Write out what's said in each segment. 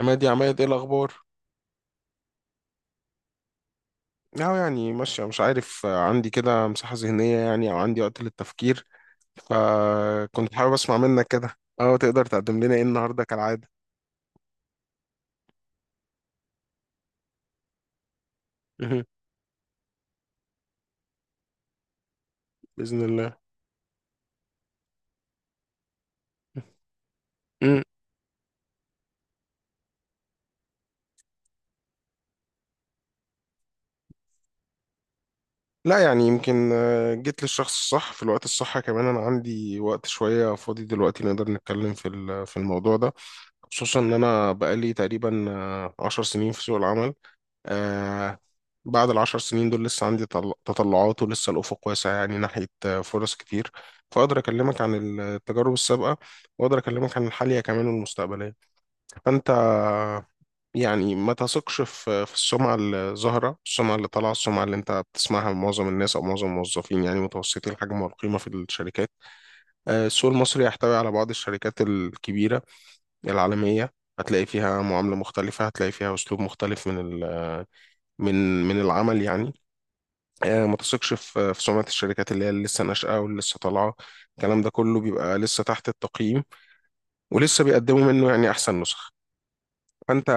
عماد يا عماد، ايه الاخبار؟ أهو يعني ماشي مش عارف، عندي كده مساحة ذهنية، يعني او عندي وقت للتفكير. فكنت حابب اسمع منك كده، تقدر تقدم لنا ايه النهارده كالعادة؟ مهم. بإذن الله. مم. لا، يعني يمكن جيت للشخص الصح في الوقت الصح كمان. انا عندي وقت شوية فاضي دلوقتي، نقدر نتكلم في في الموضوع ده. خصوصا ان انا بقالي تقريبا 10 سنين في سوق العمل. آه، بعد العشر سنين دول لسه عندي تطلعات، ولسه الأفق واسع، يعني ناحية فرص كتير. فأقدر أكلمك عن التجارب السابقة، وأقدر أكلمك عن الحالية كمان والمستقبلية، فأنت. يعني ما تثقش في السمعة الظاهرة، السمعة اللي طالعة، السمعة اللي أنت بتسمعها من معظم الناس أو معظم الموظفين، يعني متوسطي الحجم والقيمة في الشركات. السوق المصري يحتوي على بعض الشركات الكبيرة العالمية. هتلاقي فيها معاملة مختلفة، هتلاقي فيها أسلوب مختلف من ال- من العمل يعني. ما تثقش في سمعة الشركات اللي هي اللي لسه ناشئة، واللي لسه طالعة. الكلام ده كله بيبقى لسه تحت التقييم، ولسه بيقدموا منه يعني أحسن نسخ، فأنت.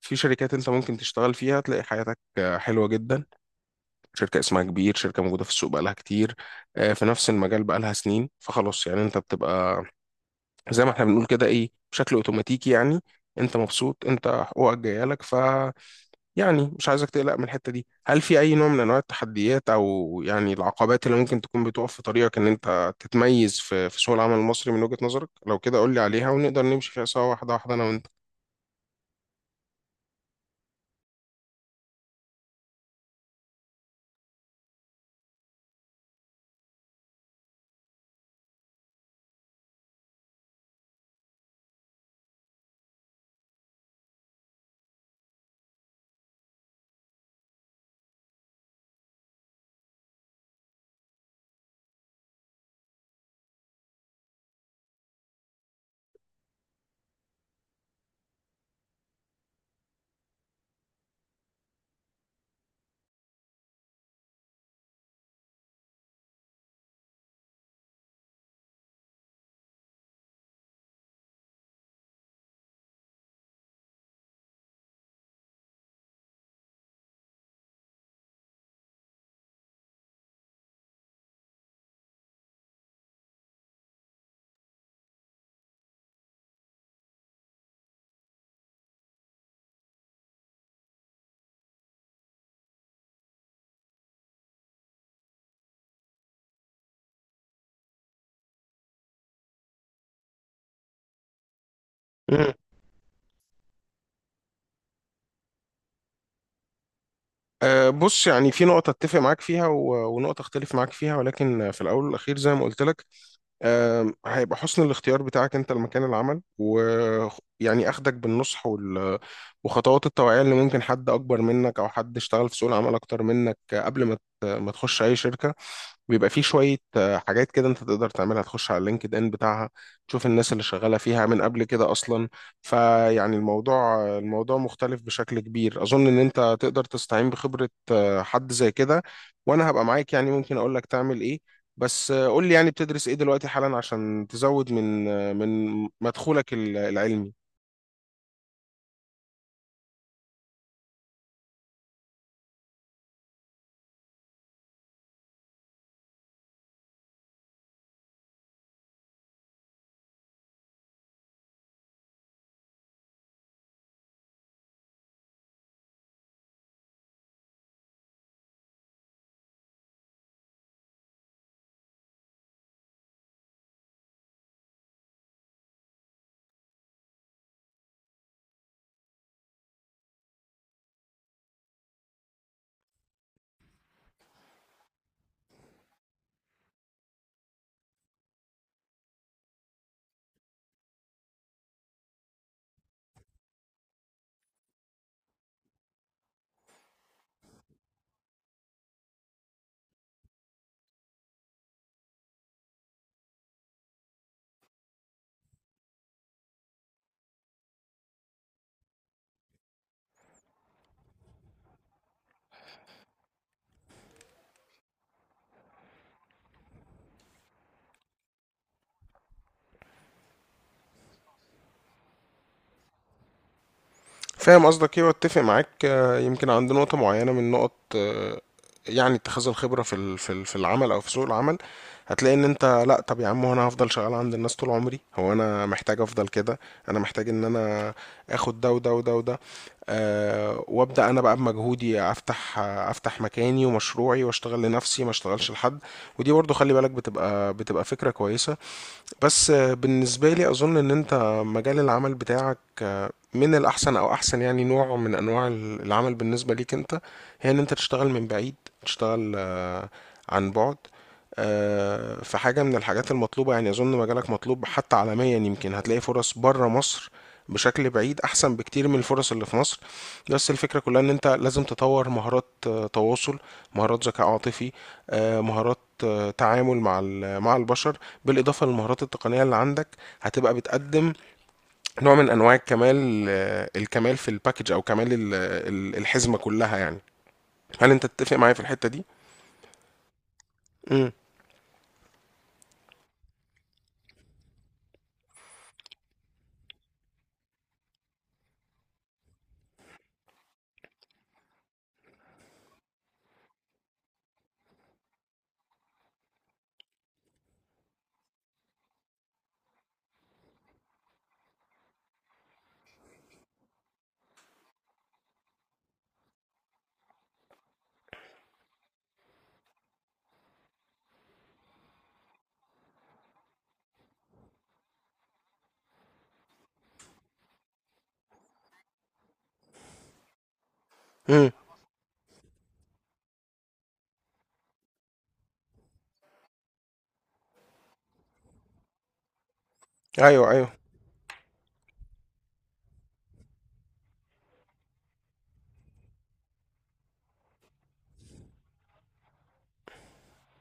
في شركات أنت ممكن تشتغل فيها تلاقي حياتك حلوة جدا. شركة اسمها كبير، شركة موجودة في السوق بقالها كتير في نفس المجال، بقالها سنين. فخلاص يعني أنت بتبقى زي ما احنا بنقول كده إيه، بشكل أوتوماتيكي يعني. أنت مبسوط، أنت حقوقك جاية لك. يعني مش عايزك تقلق من الحتة دي. هل في أي نوع من أنواع التحديات أو يعني العقبات اللي ممكن تكون بتقف في طريقك إن أنت تتميز في سوق العمل المصري من وجهة نظرك؟ لو كده قول لي عليها، ونقدر نمشي فيها سوا، واحدة واحدة، أنا وأنت. مم. بص، يعني في نقطة أتفق معاك فيها ونقطة أختلف معاك فيها، ولكن في الأول والأخير زي ما قلت لك. هيبقى حسن الاختيار بتاعك انت لمكان العمل، ويعني اخدك بالنصح وخطوات التوعية، اللي ممكن حد اكبر منك او حد اشتغل في سوق العمل اكتر منك، قبل ما ما تخش اي شركة. بيبقى فيه شوية حاجات كده انت تقدر تعملها. تخش على اللينكد ان بتاعها، تشوف الناس اللي شغالة فيها من قبل كده اصلا. فيعني الموضوع مختلف بشكل كبير. اظن ان انت تقدر تستعين بخبرة حد زي كده، وانا هبقى معاك، يعني ممكن اقول لك تعمل ايه. بس قول لي يعني بتدرس ايه دلوقتي حالا، عشان تزود من مدخولك العلمي. فاهم قصدك ايه، واتفق معاك. يمكن عند نقطة معينة من نقط، يعني اتخاذ الخبرة في العمل او في سوق العمل، هتلاقي ان انت لا طب يا عم، هو انا هفضل شغال عند الناس طول عمري؟ هو انا محتاج افضل كده؟ انا محتاج ان انا اخد ده وده وده وده. وابدا انا بقى بمجهودي افتح مكاني ومشروعي، واشتغل لنفسي ما اشتغلش لحد. ودي برضو خلي بالك، بتبقى فكرة كويسة. بس بالنسبة لي أظن إن أنت، مجال العمل بتاعك من الأحسن، أو أحسن يعني نوع من أنواع العمل بالنسبة ليك أنت، هي إن أنت تشتغل من بعيد، تشتغل عن بعد. في حاجة من الحاجات المطلوبة، يعني أظن مجالك مطلوب حتى عالميا. يمكن هتلاقي فرص بره مصر بشكل بعيد أحسن بكتير من الفرص اللي في مصر. بس الفكرة كلها إن أنت لازم تطور مهارات تواصل، مهارات ذكاء عاطفي، مهارات تعامل مع البشر، بالاضافه للمهارات التقنيه اللي عندك. هتبقى بتقدم نوع من انواع الكمال في الباكج، او كمال الحزمه كلها يعني. هل انت تتفق معايا في الحته دي؟ امم. امم. ايوه، ايوه.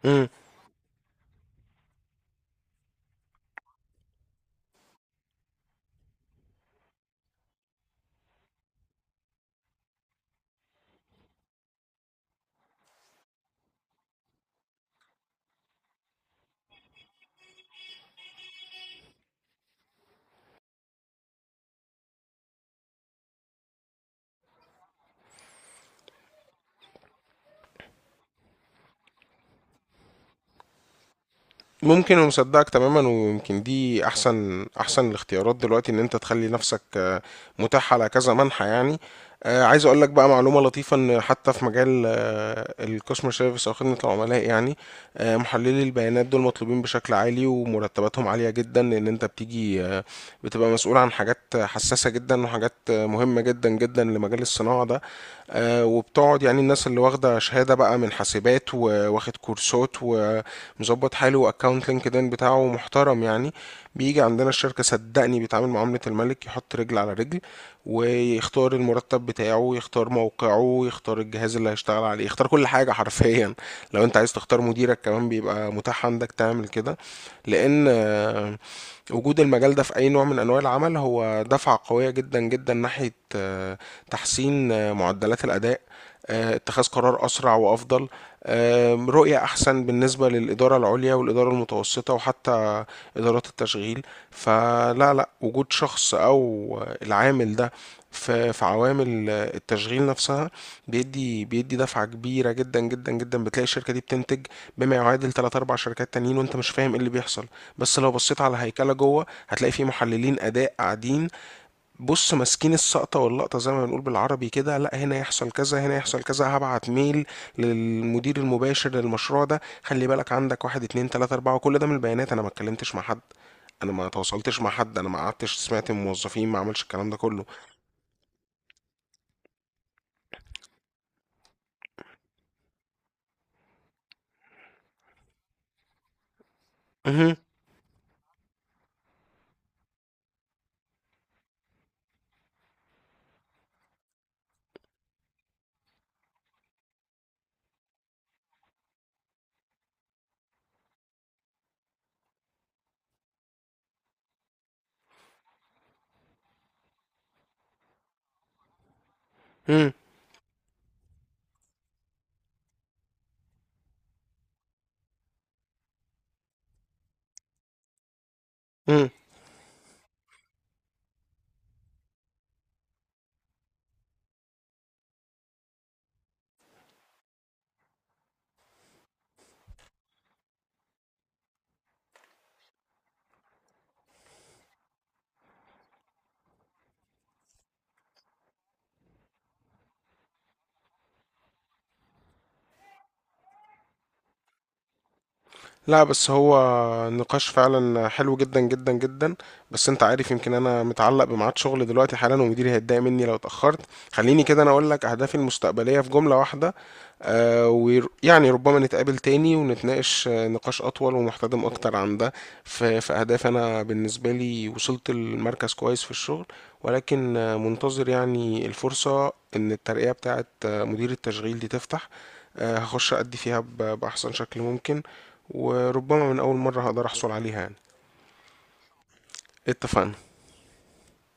مم. ممكن، ومصدقك تماما. ويمكن دي احسن احسن الاختيارات دلوقتي، ان انت تخلي نفسك متاح على كذا منحى يعني. عايز اقول لك بقى معلومه لطيفه، ان حتى في مجال الكاستمر سيرفيس او خدمه العملاء يعني، محللي البيانات دول مطلوبين بشكل عالي، ومرتباتهم عاليه جدا، لان انت بتيجي بتبقى مسؤول عن حاجات حساسه جدا، وحاجات مهمه جدا جدا لمجال الصناعه ده. وبتقعد يعني، الناس اللي واخده شهاده بقى من حاسبات، وواخد كورسات و مظبط حاله، واكونت لينكدين بتاعه محترم يعني، بيجي عندنا الشركة صدقني بيتعامل معاملة الملك. يحط رجل على رجل، ويختار المرتب بتاعه، يختار موقعه، يختار الجهاز اللي هيشتغل عليه، يختار كل حاجة حرفيا. لو انت عايز تختار مديرك كمان بيبقى متاح عندك تعمل كده. لان وجود المجال ده في أي نوع من أنواع العمل هو دفعة قوية جدا جدا، ناحية تحسين معدلات الأداء، اتخاذ قرار أسرع وأفضل، رؤية أحسن بالنسبة للإدارة العليا والإدارة المتوسطة، وحتى إدارات التشغيل. فلا لا، وجود شخص أو العامل ده في عوامل التشغيل نفسها بيدي دفعة كبيرة جدا جدا جدا. بتلاقي الشركة دي بتنتج بما يعادل 3 4 شركات تانيين، وانت مش فاهم ايه اللي بيحصل. بس لو بصيت على هيكلة جوه، هتلاقي فيه محللين أداء قاعدين. بص، ماسكين السقطة واللقطة زي ما بنقول بالعربي كده، لا هنا يحصل كذا، هنا يحصل كذا، هبعت ميل للمدير المباشر للمشروع ده. خلي بالك، عندك واحد اتنين تلاتة أربعة، وكل ده من البيانات. أنا ما اتكلمتش مع حد، أنا ما تواصلتش مع حد، أنا ما قعدتش سمعت من موظفين، ما عملش الكلام ده كله. مهم. مم. مم. لا، بس هو نقاش فعلا حلو جدا جدا جدا. بس انت عارف، يمكن انا متعلق بميعاد شغل دلوقتي حالا، ومديري هيتضايق مني لو اتأخرت. خليني كده انا اقول لك اهدافي المستقبلية في جملة واحدة. ويعني ربما نتقابل تاني ونتناقش نقاش اطول ومحتدم اكتر عن ده. في اهداف، انا بالنسبة لي وصلت المركز كويس في الشغل، ولكن منتظر يعني الفرصة ان الترقية بتاعت مدير التشغيل دي تفتح. هخش أدي فيها بأحسن شكل ممكن، وربما من أول مرة هقدر أحصل عليها يعني. اتفقنا.